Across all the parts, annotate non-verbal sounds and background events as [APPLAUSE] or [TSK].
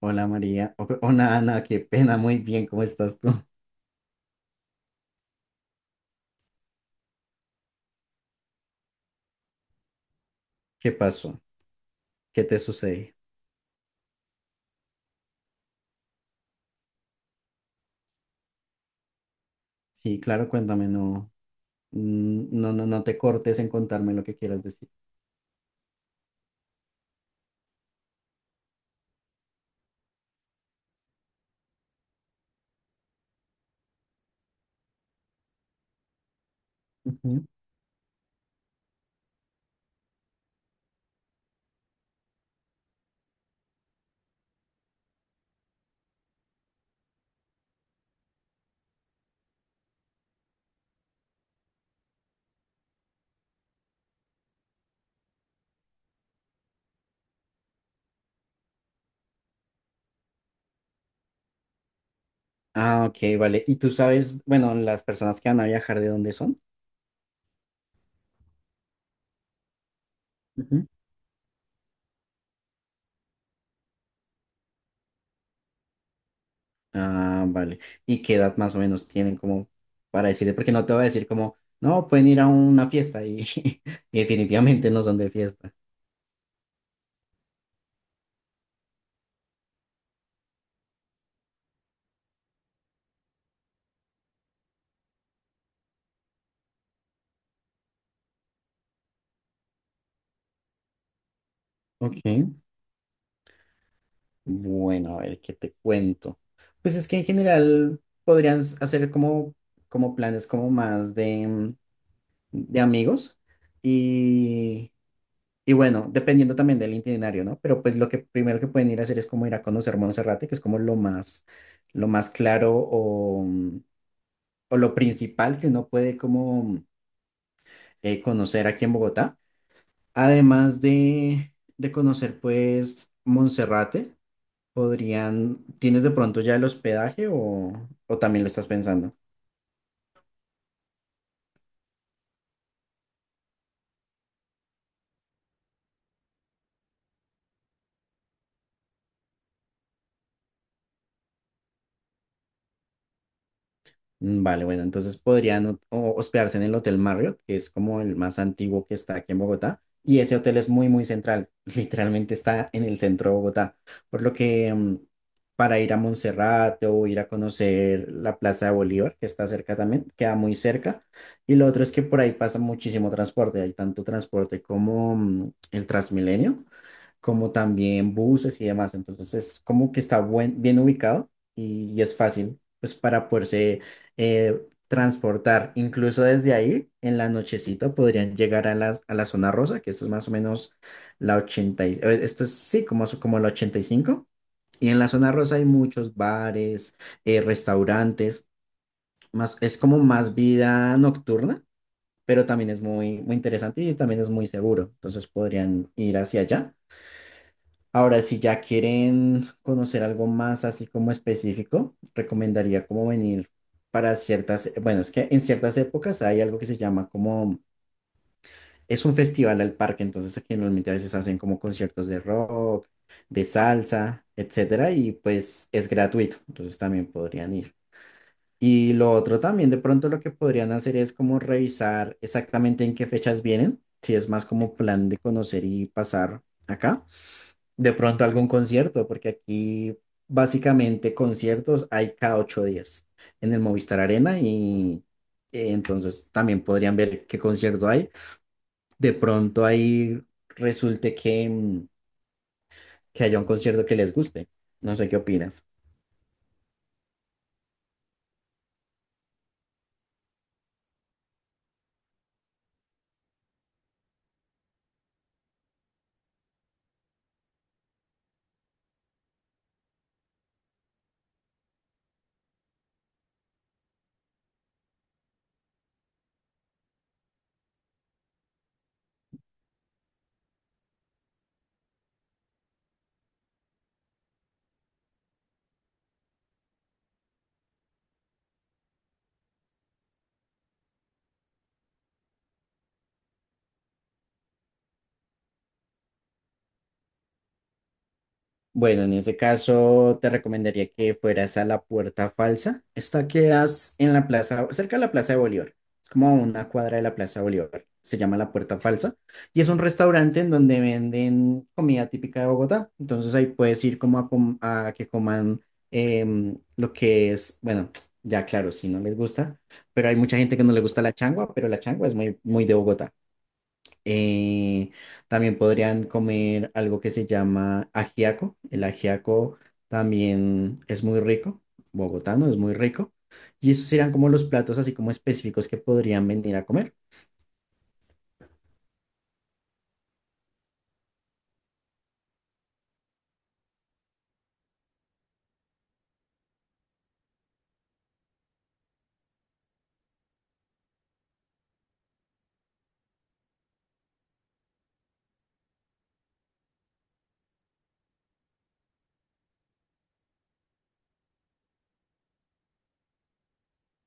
Hola María, hola Ana, qué pena, muy bien, ¿cómo estás tú? ¿Qué pasó? ¿Qué te sucede? Sí, claro, cuéntame, no, no, no, no te cortes en contarme lo que quieras decir. Ujú. Ah, ok, vale. ¿Y tú sabes, bueno, las personas que van a viajar de dónde son? Ujú. Ah, vale. ¿Y qué edad más o menos tienen como para decirte? Porque no te voy a decir como, no, pueden ir a una fiesta y, [LAUGHS] y definitivamente no son de fiesta. Ok. Bueno, a ver, ¿qué te cuento? Pues es que en general podrían hacer como planes como más de, de amigos y, y bueno, dependiendo también del itinerario, ¿no? Pero pues lo que primero que pueden ir a hacer es como ir a conocer Monserrate, que es como lo más claro o, o lo principal que uno puede como conocer aquí en Bogotá. Además de conocer pues Monserrate. Podrían, ¿tienes de pronto ya el hospedaje o también lo estás pensando? Vale, bueno, entonces podrían hospedarse en el Hotel Marriott, que es como el más antiguo que está aquí en Bogotá. Y ese hotel es muy, muy central. [LAUGHS] Literalmente está en el centro de Bogotá. Por lo que para ir a Monserrate o ir a conocer la Plaza de Bolívar, que está cerca también, queda muy cerca. Y lo otro es que por ahí pasa muchísimo transporte. Hay tanto transporte como el Transmilenio. Como también buses y demás. Entonces es como que está bien ubicado y es fácil pues para poderse eh, transportar. Incluso desde ahí, en la nochecita, podrían llegar a la zona rosa, que esto es más o menos esto es sí, como la 85 y cinco. Y en la zona rosa hay muchos bares, restaurantes, más, es como más vida nocturna, pero también es muy, muy interesante y también es muy seguro. Entonces podrían ir hacia allá. Ahora, si ya quieren conocer algo más así como específico, recomendaría como venir para ciertas, bueno, es que en ciertas épocas hay algo que se llama como, es un festival al parque, entonces aquí normalmente a veces hacen como conciertos de rock, de salsa, etcétera, y pues es gratuito, entonces también podrían ir. Y lo otro también, de pronto lo que podrían hacer es como revisar exactamente en qué fechas vienen, si es más como plan de conocer y pasar acá. De pronto algún concierto, porque aquí básicamente conciertos hay cada 8 días en el Movistar Arena y entonces también podrían ver qué concierto hay. De pronto ahí resulte que haya un concierto que les guste. No sé qué opinas. Bueno, en ese caso te recomendaría que fueras a la Puerta Falsa. Esta quedas en la plaza, cerca de la Plaza de Bolívar. Es como a una cuadra de la Plaza de Bolívar. Se llama la Puerta Falsa y es un restaurante en donde venden comida típica de Bogotá. Entonces ahí puedes ir como a que coman lo que es, bueno, [TSK] ya claro, si no les gusta, pero hay mucha gente que no le gusta la changua, pero la changua es muy, muy de Bogotá. Eh, También podrían comer algo que se llama ajiaco. El ajiaco también es muy rico, bogotano es muy rico. Y esos serían como los platos así como específicos que podrían venir a comer.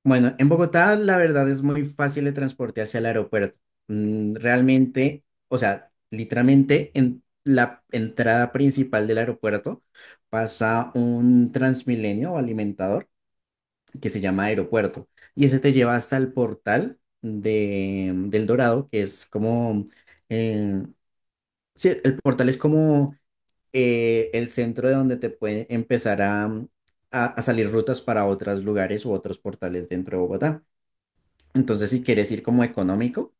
Bueno, en Bogotá la verdad es muy fácil el transporte hacia el aeropuerto. Realmente, o sea, literalmente en la entrada principal del aeropuerto pasa un Transmilenio o alimentador que se llama Aeropuerto. Y ese te lleva hasta el portal del Dorado, que es como, eh, sí, el portal es como el centro de donde te puede empezar a salir rutas para otros lugares u otros portales dentro de Bogotá. Entonces, si quieres ir como económico,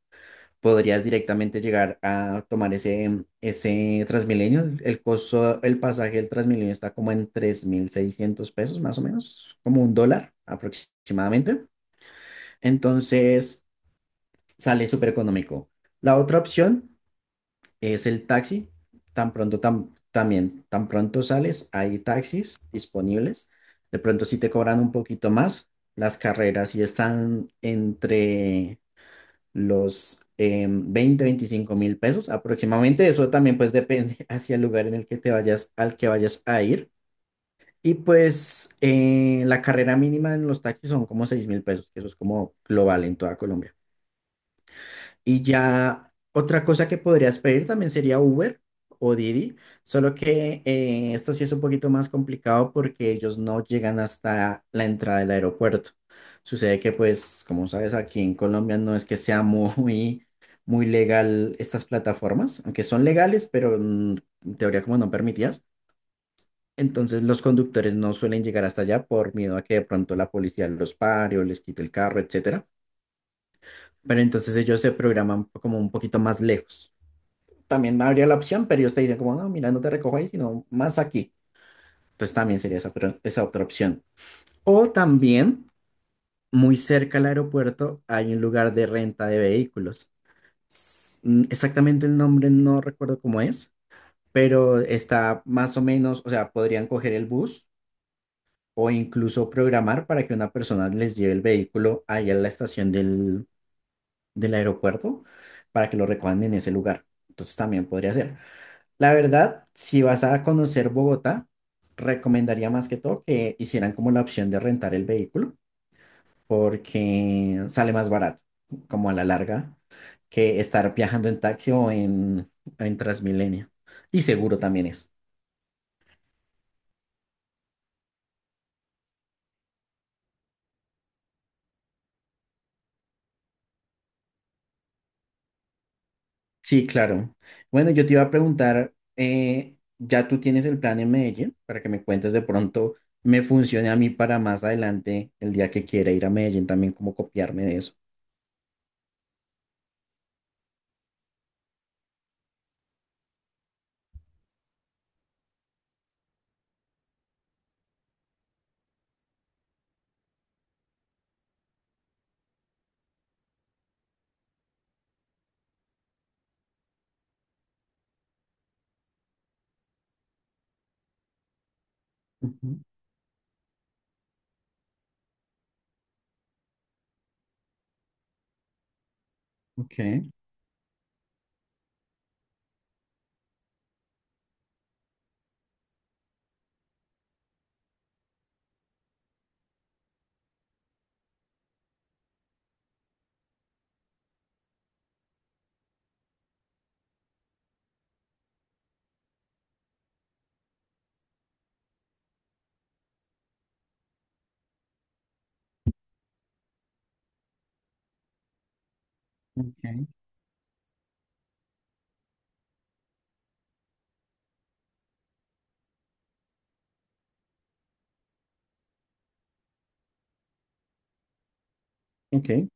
podrías directamente llegar a tomar ese Transmilenio. El costo, el pasaje del Transmilenio está como en 3.600 pesos, más o menos, como un dólar aproximadamente. Entonces sale súper económico. La otra opción es el taxi. También, tan pronto sales, hay taxis disponibles. De pronto sí te cobran un poquito más. Las carreras sí están entre los 20, 25 mil pesos aproximadamente. Eso también pues depende [LAUGHS] hacia el lugar en el que te vayas, al que vayas a ir. Y pues la carrera mínima en los taxis son como 6.000 pesos, que eso es como global en toda Colombia. Y ya otra cosa que podrías pedir también sería Uber o Didi, solo que esto sí es un poquito más complicado porque ellos no llegan hasta la entrada del aeropuerto. Sucede que pues, como sabes, aquí en Colombia no es que sea [LAUGHS] muy, muy legal estas plataformas, aunque son legales, pero en teoría como no permitidas. Entonces los conductores no suelen llegar hasta allá por miedo a que de pronto la policía los pare o les quite el carro, etcétera. Pero entonces ellos se programan como un poquito más lejos. También habría la opción, pero ellos te dicen como, no, mira, no te recojo ahí, sino más aquí. Entonces también sería esa, pero esa otra opción. O también, muy cerca al aeropuerto, hay un lugar de renta de vehículos. Exactamente el nombre no recuerdo cómo es, pero está más o menos, o sea, podrían coger el bus o incluso programar para que una persona les lleve el vehículo ahí a la estación del aeropuerto para que lo recojan en ese lugar. Entonces también podría ser. La verdad, si vas a conocer Bogotá, recomendaría más que todo que hicieran como la opción de rentar el vehículo, porque sale más barato, como a la larga, que estar viajando en taxi o en Transmilenio. Y seguro también es. Sí, claro. Bueno, yo te iba a preguntar, ya tú tienes el plan en Medellín, para que me cuentes de pronto, me funcione a mí para más adelante, el día que quiera ir a Medellín, también como copiarme de eso. Ujú. Ok, ok, ok.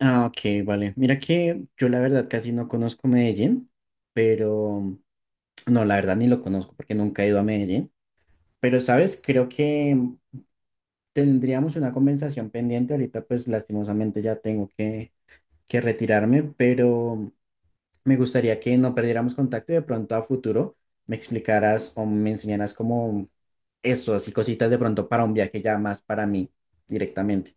Ah, ok, vale. Mira que yo la verdad casi no conozco Medellín, pero no, la verdad ni lo conozco porque nunca he ido a Medellín. Pero, ¿sabes? Creo que tendríamos una conversación pendiente. Ahorita pues lastimosamente ya tengo que retirarme, pero me gustaría que no perdiéramos contacto y de pronto a futuro me explicaras o me enseñaras como eso, así cositas de pronto para un viaje ya más para mí directamente.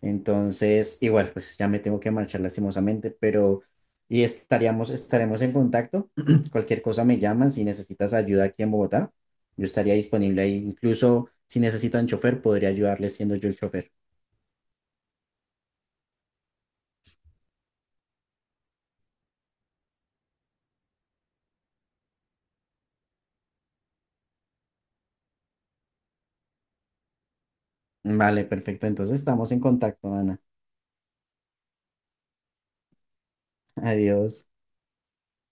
Entonces, igual, pues ya me tengo que marchar lastimosamente, pero y estaremos en contacto. [CLEARS THROAT] Cualquier cosa me llaman si necesitas ayuda aquí en Bogotá. Yo estaría disponible ahí. Incluso si necesitan chofer, podría ayudarles siendo yo el chofer. Vale, perfecto. Entonces estamos en contacto, Ana. [LAUGHS] Adiós.